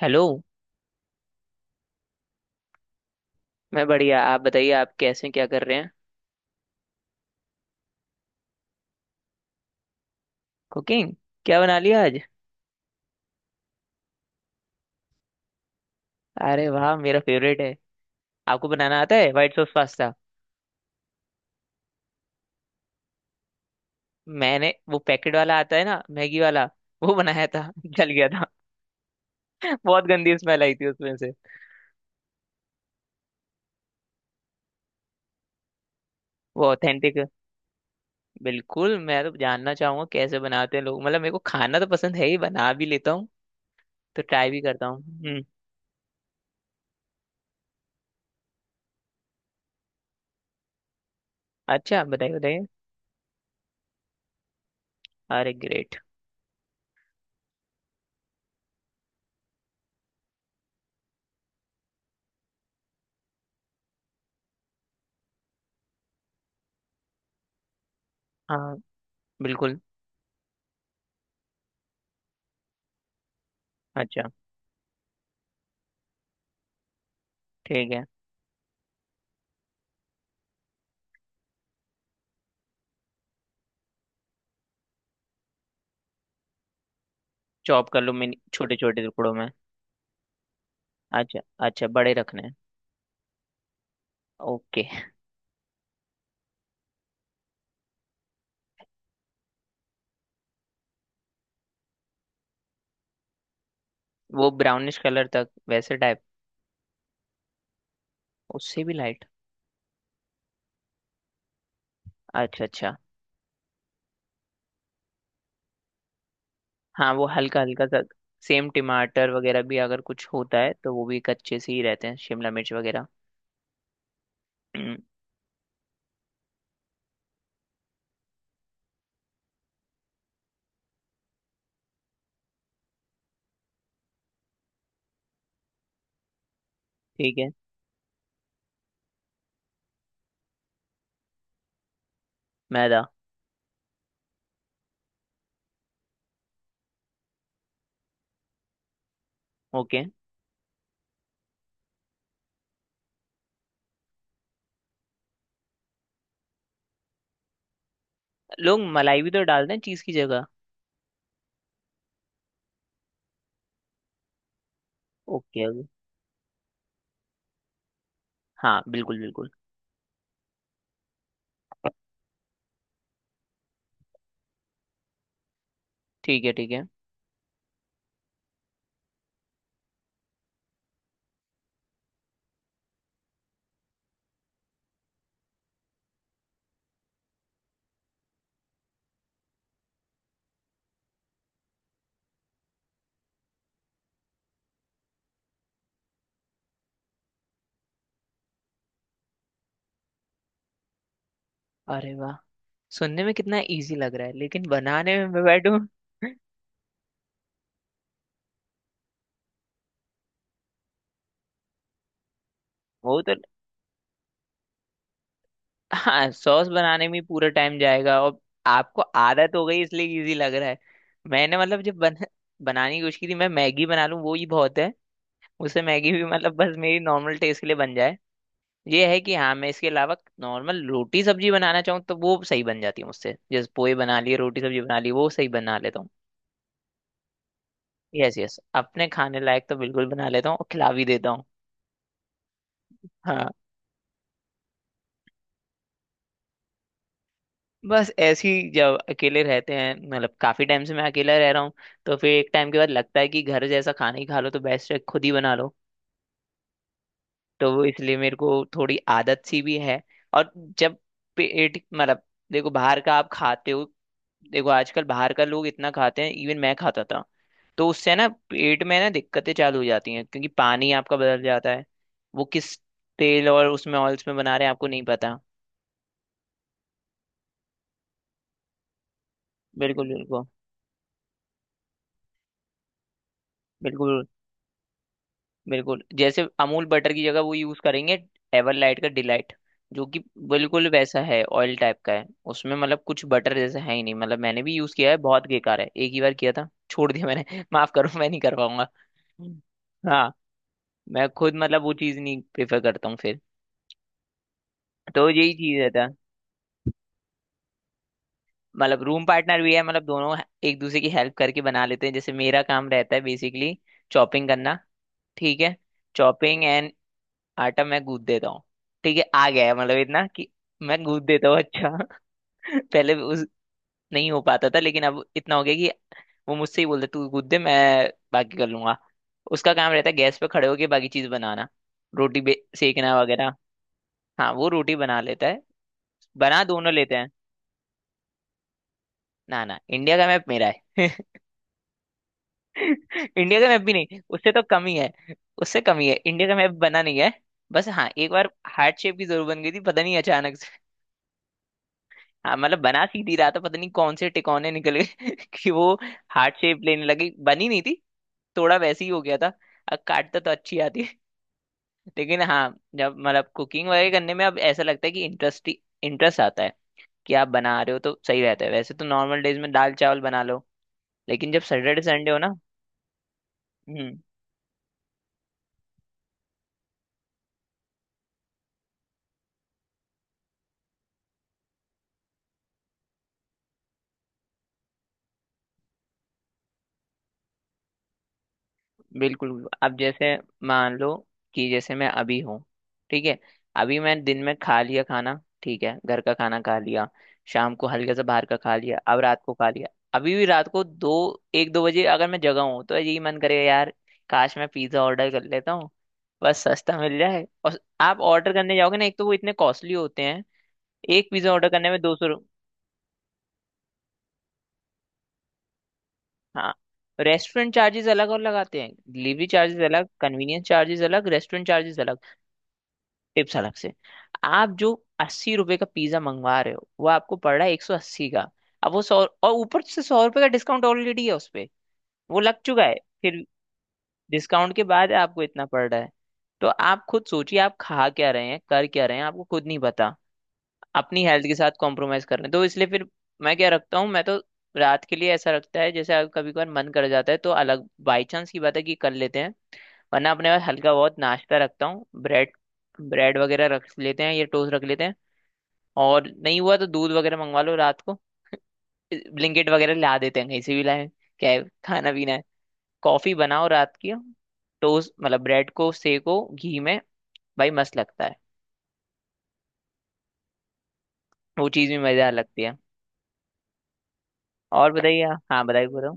Hello. मैं बढ़िया, आप बताइए, आप कैसे हैं, क्या कर रहे हैं? कुकिंग? क्या बना लिया आज? अरे वाह, मेरा फेवरेट है। आपको बनाना आता है व्हाइट सॉस पास्ता? मैंने वो पैकेट वाला आता है ना, मैगी वाला, वो बनाया था जल गया था। बहुत गंदी स्मेल आई थी उसमें से। वो ऑथेंटिक। बिल्कुल, मैं तो जानना चाहूंगा कैसे बनाते हैं लोग। मतलब मेरे को खाना तो पसंद है ही, बना भी लेता हूँ, तो ट्राई भी करता हूँ। हम्म। अच्छा बताइए, बताइए। अरे ग्रेट। हाँ, बिल्कुल। अच्छा, ठीक है। चॉप कर लो, मिनी छोटे छोटे टुकड़ों में? अच्छा अच्छा, बड़े रखने हैं। ओके। वो ब्राउनिश कलर तक वैसे टाइप? उससे भी लाइट? अच्छा अच्छा, हाँ वो हल्का हल्का सा। सेम टमाटर वगैरह भी अगर कुछ होता है तो वो भी कच्चे से ही रहते हैं, शिमला मिर्च वगैरह। हम्म। ठीक है। मैदा? ओके। लोग मलाई भी तो डालते हैं चीज़ की जगह। ओके। अभी हाँ, बिल्कुल बिल्कुल। ठीक है ठीक है। अरे वाह, सुनने में कितना इजी लग रहा है, लेकिन बनाने में मैं बैठूं। वो तो हाँ, सॉस बनाने में पूरा टाइम जाएगा। और आपको आदत हो गई इसलिए इजी लग रहा है। मैंने मतलब बनाने की कोशिश की थी। मैं मैगी बना लूँ वो ही बहुत है। उससे मैगी भी मतलब बस मेरी नॉर्मल टेस्ट के लिए बन जाए, ये है कि। हाँ, मैं इसके अलावा नॉर्मल रोटी सब्जी बनाना चाहूँ तो वो सही बन जाती है मुझसे। जैसे पोहे बना लिए, रोटी सब्जी बना ली, वो सही बना लेता हूँ। यस यस, अपने खाने लायक तो बिल्कुल बना लेता हूँ, और खिला भी देता हूँ। हाँ, बस ऐसे ही, जब अकेले रहते हैं, मतलब काफी टाइम से मैं अकेला रह रहा हूँ, तो फिर एक टाइम के बाद लगता है कि घर जैसा खाना ही खा लो तो बेस्ट है, खुद ही बना लो। तो वो इसलिए मेरे को थोड़ी आदत सी भी है। और जब पेट मतलब, देखो बाहर का आप खाते हो, देखो आजकल बाहर का लोग इतना खाते हैं, इवन मैं खाता था। तो उससे ना पेट में ना दिक्कतें चालू हो जाती हैं, क्योंकि पानी आपका बदल जाता है। वो किस तेल और उसमें ऑयल्स में बना रहे हैं आपको नहीं पता। बिल्कुल बिल्कुल। बिल्कुल, बिल्कुल जैसे अमूल बटर की जगह वो यूज करेंगे एवरलाइट का डिलाइट, जो कि बिल्कुल वैसा है, ऑयल टाइप का है। उसमें मतलब कुछ बटर जैसा है ही नहीं। मतलब मैंने भी यूज किया है, बहुत बेकार है, एक ही बार किया था, छोड़ दिया मैंने। माफ करो, मैं नहीं कर पाऊंगा। हाँ, मैं खुद मतलब वो चीज नहीं प्रेफर करता हूँ फिर। तो यही चीज रहता है। मतलब रूम पार्टनर भी है, मतलब दोनों एक दूसरे की हेल्प करके बना लेते हैं। जैसे मेरा काम रहता है बेसिकली चॉपिंग करना। ठीक है। चॉपिंग एंड आटा मैं गूंथ देता हूँ। ठीक है, आ गया है मतलब इतना कि मैं गूंथ देता हूँ, अच्छा। पहले उस नहीं हो पाता था, लेकिन अब इतना हो गया कि वो मुझसे ही बोलते तू गूंथ दे, मैं बाकी कर लूंगा। उसका काम रहता है गैस पे खड़े होके बाकी चीज बनाना, सेकना वगैरह। हाँ वो रोटी बना लेता है, बना दोनों लेते हैं। ना ना, इंडिया का मैप मेरा है। इंडिया का मैप भी नहीं, उससे तो कम ही है। उससे कम ही है, इंडिया का मैप बना नहीं है। बस हाँ, एक बार हार्ट शेप की जरूर बन गई थी, पता नहीं अचानक। हाँ मतलब बना सीधी रहा था, पता नहीं कौन से टिकौने निकल गए कि वो हार्ट शेप लेने लगी। बनी नहीं थी, थोड़ा वैसे ही हो गया था। अब काटता तो अच्छी आती है। लेकिन हाँ, जब मतलब कुकिंग वगैरह करने में अब ऐसा लगता है कि इंटरेस्ट इंटरेस्ट आता है, कि आप बना रहे हो तो सही रहता है। वैसे तो नॉर्मल डेज में दाल चावल बना लो, लेकिन जब सैटरडे संडे हो ना। हम्म। बिल्कुल, अब जैसे मान लो कि जैसे मैं अभी हूँ, ठीक है, अभी मैं दिन में खा लिया खाना, ठीक है, घर का खाना खा लिया, शाम को हल्का सा बाहर का खा लिया, अब रात को खा लिया। अभी भी रात को दो एक दो बजे अगर मैं जगा हूँ तो यही मन करेगा, यार काश मैं पिज्ज़ा ऑर्डर कर लेता हूँ। बस सस्ता मिल जाए, और आप ऑर्डर करने जाओगे ना, एक तो वो इतने कॉस्टली होते हैं। एक पिज्ज़ा ऑर्डर करने में 200 रुपये। हाँ, रेस्टोरेंट चार्जेस अलग और लगाते हैं, डिलीवरी चार्जेस अलग, कन्वीनियंस चार्जेस अलग, रेस्टोरेंट चार्जेस अलग। टिप्स अलग से। आप जो 80 रुपए का पिज्जा मंगवा रहे हो, वो आपको पड़ रहा है 180 का। अब वो सौ, और ऊपर से 100 रुपए का डिस्काउंट ऑलरेडी है उस पे, वो लग चुका है। फिर डिस्काउंट के बाद आपको इतना पड़ रहा है। तो आप खुद सोचिए आप खा क्या रहे हैं, कर क्या रहे हैं, आपको खुद नहीं पता। अपनी हेल्थ के साथ कॉम्प्रोमाइज कर रहे हैं, तो इसलिए फिर मैं क्या रखता हूँ। मैं तो रात के लिए ऐसा रखता है, जैसे कभी कभार मन कर जाता है तो अलग, बाई चांस की बात है कि कर लेते हैं, वरना अपने पास हल्का बहुत नाश्ता रखता हूँ, ब्रेड। ब्रेड वगैरह रख लेते हैं, या टोस्ट रख लेते हैं। और नहीं हुआ तो दूध वगैरह मंगवा लो रात को, ब्लिंकेट वगैरह ला देते हैं, कहीं से भी लाए। क्या है, खाना पीना है। कॉफी बनाओ रात की। टोस्ट, मतलब ब्रेड को सेको घी में, भाई मस्त लगता है। वो चीज़ भी मजेदार लगती है। और बताइए। हाँ बताइए, बताओ।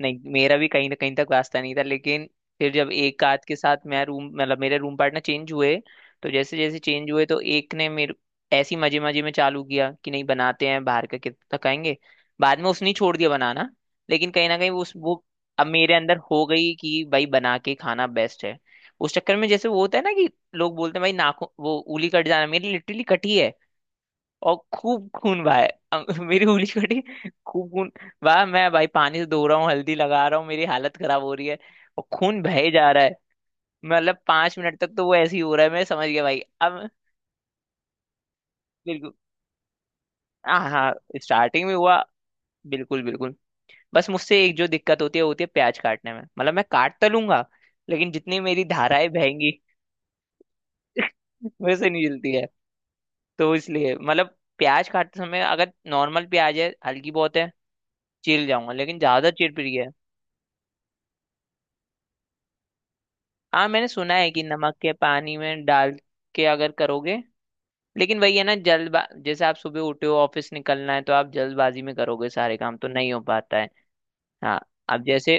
नहीं, मेरा भी कहीं ना कहीं तक वास्ता नहीं था, लेकिन फिर जब एक आध के साथ मैं रूम, मतलब मेरे रूम पार्टनर चेंज हुए, तो जैसे जैसे चेंज हुए, तो एक ने मेरे ऐसी मजे मजे में चालू किया कि नहीं, बनाते हैं, बाहर का कितना खाएंगे। बाद में उसने ही छोड़ दिया बनाना, लेकिन कहीं ना कहीं उस वो अब मेरे अंदर हो गई कि भाई बना के खाना बेस्ट है। उस चक्कर में, जैसे वो होता है ना कि लोग बोलते हैं भाई नाखून वो उंगली कट जाना, मेरी लिटरली कटी है, और खूब खून भाई। मेरी उंगली कटी, खूब खून। वाह, मैं भाई पानी से धो रहा हूँ, हल्दी लगा रहा हूँ, मेरी हालत खराब हो रही है और खून बहे जा रहा है। मतलब 5 मिनट तक तो वो ऐसे ही हो रहा है, मैं समझ गया भाई अब। बिल्कुल, हाँ हाँ, स्टार्टिंग में हुआ, बिल्कुल बिल्कुल। बस मुझसे एक जो दिक्कत होती है वो होती है प्याज काटने में। मतलब मैं काट तो लूंगा, लेकिन जितनी मेरी धाराएं बहेंगी। वैसे नहीं जलती है, तो इसलिए मतलब प्याज काटते समय अगर नॉर्मल प्याज है हल्की बहुत है, चीर जाऊंगा, लेकिन ज्यादा चीर पड़ी। हाँ, मैंने सुना है कि नमक के पानी में डाल के अगर करोगे। लेकिन वही है ना, जल्दबा जैसे आप सुबह उठे हो ऑफिस निकलना है, तो आप जल्दबाजी में करोगे, सारे काम तो नहीं हो पाता है। हाँ, अब जैसे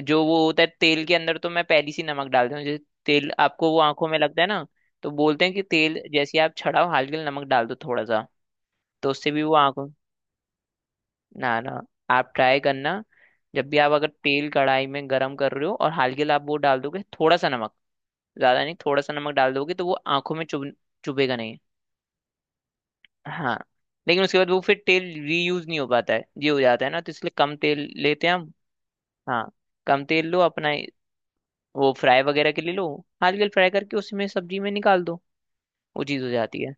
जो वो होता है तेल के अंदर, तो मैं पहली सी नमक डालती हूँ। जैसे तेल आपको वो आंखों में लगता है ना, तो बोलते हैं कि तेल जैसे ही आप छड़ाओ, हल्के से नमक डाल दो, थोड़ा सा, तो उससे भी वो आंखों। ना ना, आप ट्राई करना, जब भी आप अगर तेल कढ़ाई में गर्म कर रहे हो और हल्के से आप वो डाल दोगे थोड़ा सा नमक, ज्यादा नहीं, थोड़ा सा नमक डाल दोगे, तो वो आंखों में चुभ, चुभेगा नहीं। हाँ, लेकिन उसके बाद वो फिर तेल रीयूज नहीं हो पाता है, ये हो जाता है ना, तो इसलिए कम तेल लेते हैं हम। हाँ, कम तेल लो अपना। वो फ्राई वगैरह के लिए लो, हल्के फ्राई करके उसमें सब्जी में निकाल दो, वो चीज़ हो जाती है।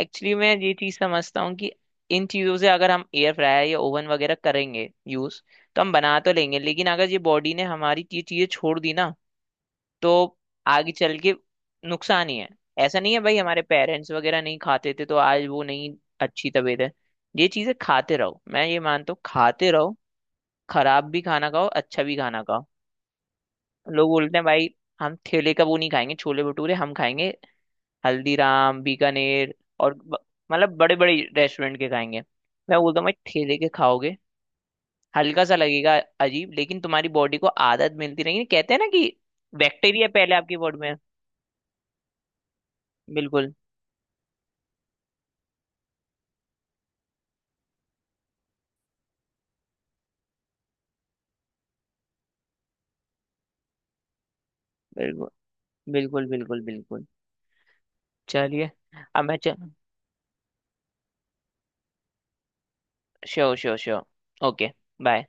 एक्चुअली मैं ये चीज़ समझता हूँ कि इन चीज़ों से अगर हम एयर फ्रायर या ओवन वगैरह करेंगे यूज़, तो हम बना तो लेंगे, लेकिन अगर ये बॉडी ने हमारी ये चीज़ें छोड़ दी ना, तो आगे चल के नुकसान ही है। ऐसा नहीं है, भाई हमारे पेरेंट्स वगैरह नहीं खाते थे तो आज वो नहीं अच्छी तबीयत है। ये चीजें खाते रहो, मैं ये मानता हूँ, खाते रहो, खराब भी खाना खाओ, अच्छा भी खाना खाओ। लोग बोलते हैं भाई हम ठेले का वो नहीं खाएंगे, छोले भटूरे हम खाएंगे हल्दीराम बीकानेर और मतलब बड़े बड़े रेस्टोरेंट के खाएंगे। मैं बोलता हूँ भाई ठेले के खाओगे, हल्का सा लगेगा अजीब, लेकिन तुम्हारी बॉडी को आदत मिलती रहेगी। कहते हैं ना कि बैक्टीरिया पहले आपकी बॉडी में। बिल्कुल, बिल्कुल बिल्कुल बिल्कुल बिल्कुल। चलिए, अब मैं च sure sure sure. Okay, bye.